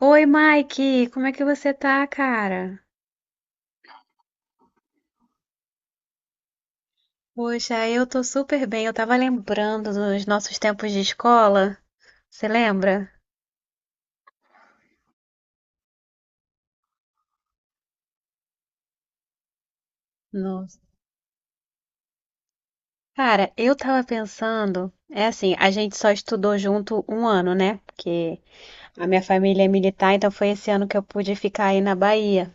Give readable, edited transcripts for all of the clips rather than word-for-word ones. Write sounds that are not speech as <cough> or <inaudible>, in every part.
Oi, Mike, como é que você tá, cara? Poxa, eu tô super bem. Eu tava lembrando dos nossos tempos de escola. Você lembra? Nossa. Cara, eu tava pensando, é assim, a gente só estudou junto um ano, né? Porque a minha família é militar, então foi esse ano que eu pude ficar aí na Bahia.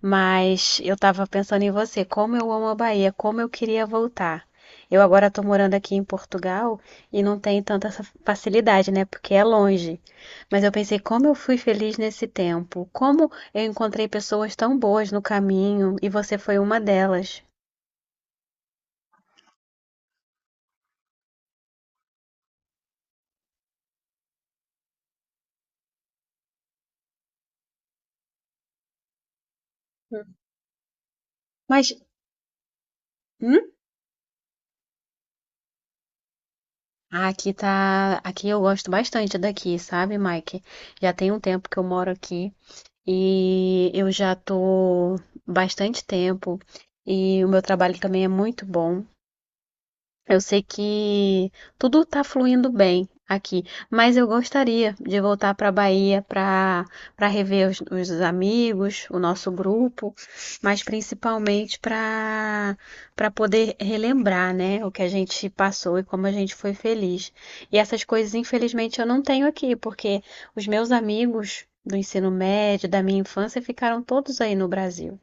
Mas eu estava pensando em você, como eu amo a Bahia, como eu queria voltar. Eu agora estou morando aqui em Portugal e não tenho tanta essa facilidade, né? Porque é longe. Mas eu pensei, como eu fui feliz nesse tempo, como eu encontrei pessoas tão boas no caminho e você foi uma delas. Mas, hum? Ah, aqui tá, aqui eu gosto bastante daqui, sabe, Mike? Já tem um tempo que eu moro aqui. E eu já tô bastante tempo e o meu trabalho também é muito bom. Eu sei que tudo está fluindo bem aqui, mas eu gostaria de voltar para a Bahia para rever os amigos, o nosso grupo, mas principalmente para poder relembrar, né, o que a gente passou e como a gente foi feliz. E essas coisas, infelizmente, eu não tenho aqui, porque os meus amigos do ensino médio, da minha infância, ficaram todos aí no Brasil.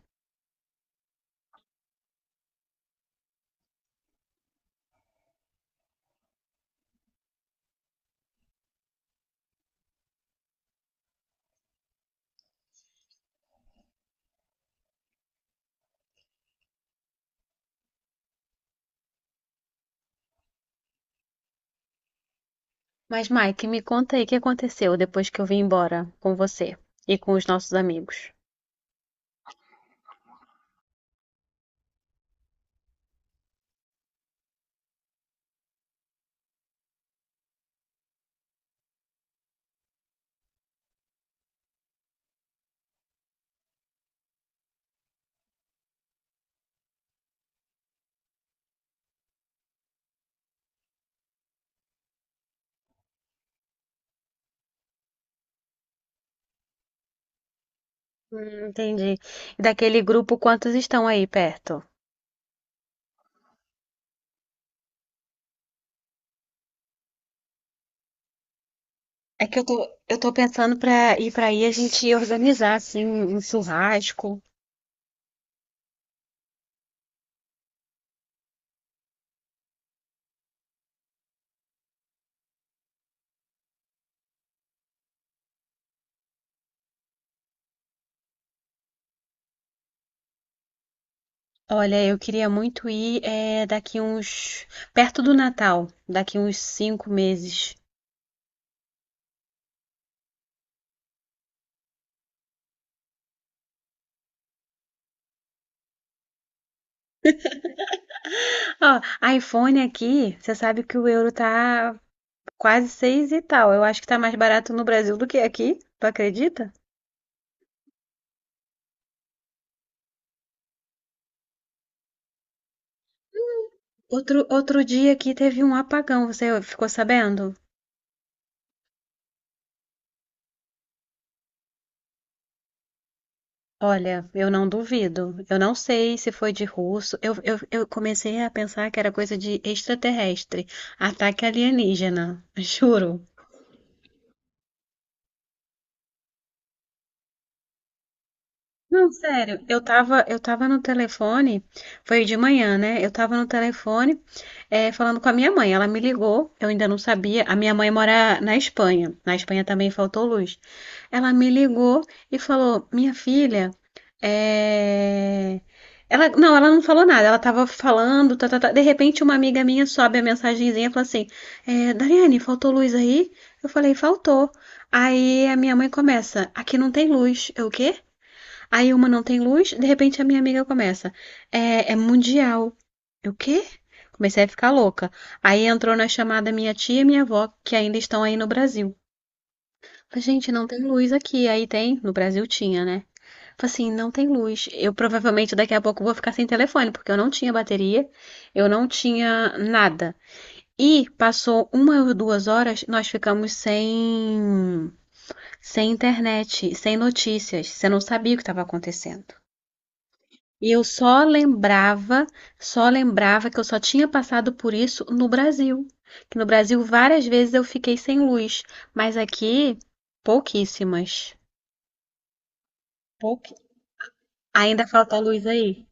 Mas, Mike, me conta aí o que aconteceu depois que eu vim embora com você e com os nossos amigos. Entendi. E daquele grupo, quantos estão aí perto? É que eu tô pensando pra ir pra aí a gente organizar, assim, um churrasco. Olha, eu queria muito ir é, daqui uns, perto do Natal, daqui uns 5 meses. Ó, iPhone aqui, você sabe que o euro tá quase seis e tal. Eu acho que tá mais barato no Brasil do que aqui, tu acredita? Outro dia aqui teve um apagão, você ficou sabendo? Olha, eu não duvido. Eu não sei se foi de russo. Eu comecei a pensar que era coisa de extraterrestre, ataque alienígena. <laughs> Juro. Não, sério, eu tava no telefone, foi de manhã, né? Eu tava no telefone, falando com a minha mãe. Ela me ligou, eu ainda não sabia. A minha mãe mora na Espanha. Na Espanha também faltou luz. Ela me ligou e falou: Minha filha, é... ela não falou nada. Ela tava falando, tá, tá, tá. De repente, uma amiga minha sobe a mensagenzinha e fala assim: é, Dariane, faltou luz aí? Eu falei: Faltou. Aí a minha mãe começa: Aqui não tem luz. Eu, o quê? Aí uma não tem luz, de repente a minha amiga começa. É, é mundial. Eu, o quê? Comecei a ficar louca. Aí entrou na chamada minha tia e minha avó, que ainda estão aí no Brasil. Falei, gente, não tem luz aqui. Aí tem, no Brasil tinha, né? Falei assim, não tem luz. Eu provavelmente daqui a pouco vou ficar sem telefone, porque eu não tinha bateria, eu não tinha nada. E passou uma ou duas horas, nós ficamos sem internet, sem notícias. Você não sabia o que estava acontecendo. E eu só lembrava que eu só tinha passado por isso no Brasil. Que no Brasil várias vezes eu fiquei sem luz, mas aqui pouquíssimas. Pouqui... Ainda falta luz aí.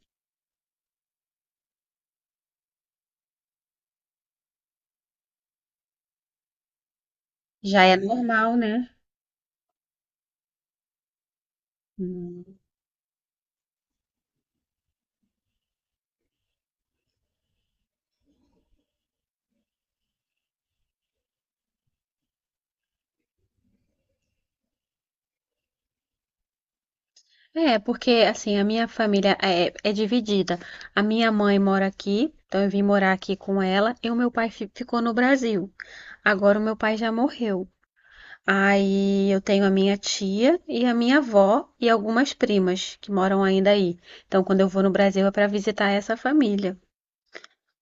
Já é normal, né? Hum. É, porque assim, a minha família é, é dividida. A minha mãe mora aqui, então eu vim morar aqui com ela, e o meu pai ficou no Brasil. Agora o meu pai já morreu. Aí eu tenho a minha tia e a minha avó e algumas primas que moram ainda aí. Então, quando eu vou no Brasil é para visitar essa família.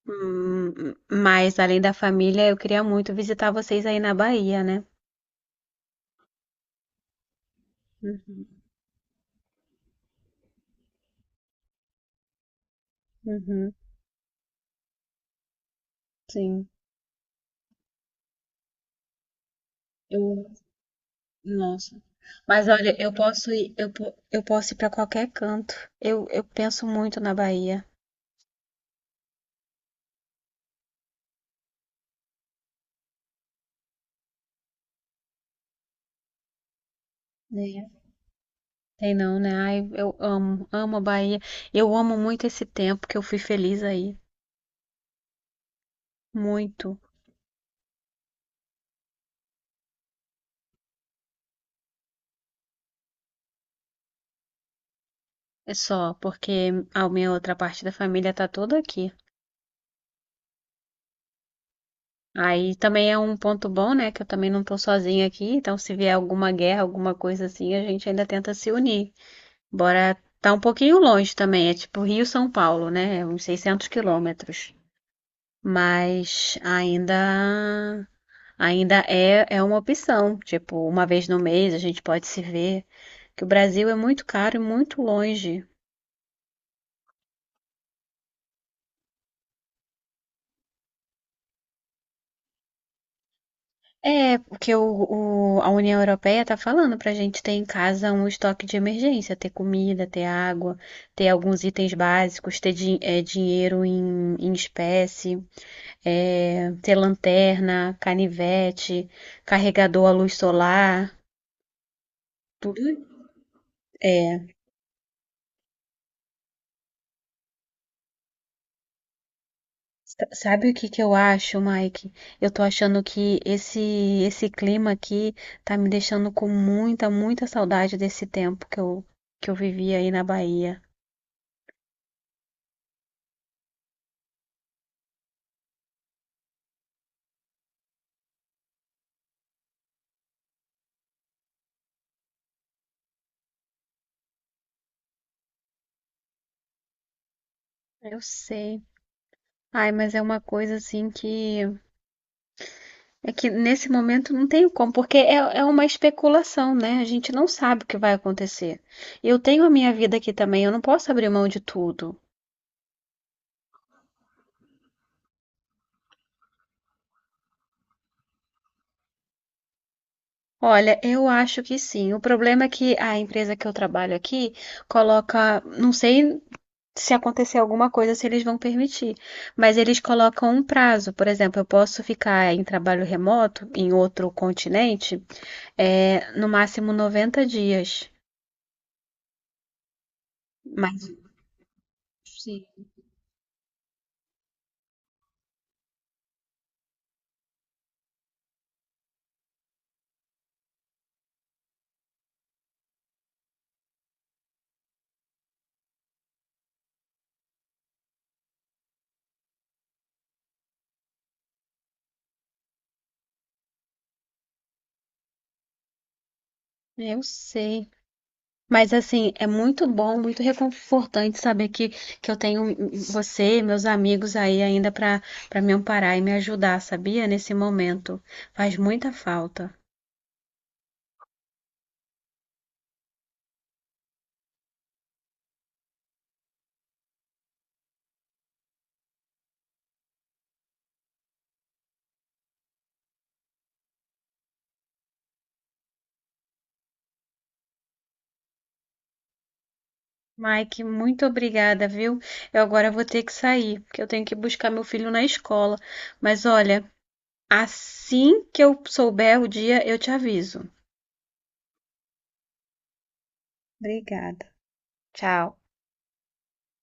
Hum, Mas além da família, eu queria muito visitar vocês aí na Bahia, né? Uhum, uhum, sim. Eu, nossa. Mas olha, eu posso ir, eu posso ir para qualquer canto. Eu penso muito na Bahia, né? Tem não, né? Ai, amo a Bahia. Eu amo muito esse tempo que eu fui feliz aí. Muito. É só, porque a minha outra parte da família tá toda aqui. Aí também é um ponto bom, né? Que eu também não tô sozinha aqui, então se vier alguma guerra, alguma coisa assim, a gente ainda tenta se unir. Bora tá um pouquinho longe também, é tipo Rio-São Paulo, né? É uns 600 quilômetros. Mas ainda é, é uma opção. Tipo, uma vez no mês a gente pode se ver. Que o Brasil é muito caro e muito longe. É, porque a União Europeia tá falando para a gente ter em casa um estoque de emergência, ter comida, ter água, ter alguns itens básicos, ter dinheiro em, em espécie, ter lanterna, canivete, carregador à luz solar, tudo. É, sabe o que que eu acho, Mike? Eu tô achando que esse clima aqui tá me deixando com muita, muita saudade desse tempo que que eu vivi aí na Bahia. Eu sei. Ai, mas é uma coisa assim que é que nesse momento não tenho como, porque é, é uma especulação, né? A gente não sabe o que vai acontecer. Eu tenho a minha vida aqui também, eu não posso abrir mão de tudo. Olha, eu acho que sim. O problema é que a empresa que eu trabalho aqui coloca, não sei se acontecer alguma coisa, se eles vão permitir, mas eles colocam um prazo. Por exemplo, eu posso ficar em trabalho remoto em outro continente, é, no máximo 90 dias. Mas eu sei. Mas assim, é muito bom, muito reconfortante saber que eu tenho você, e meus amigos aí ainda para me amparar e me ajudar, sabia? Nesse momento. Faz muita falta. Mike, muito obrigada, viu? Eu agora vou ter que sair, porque eu tenho que buscar meu filho na escola. Mas olha, assim que eu souber o dia, eu te aviso. Obrigada. Tchau.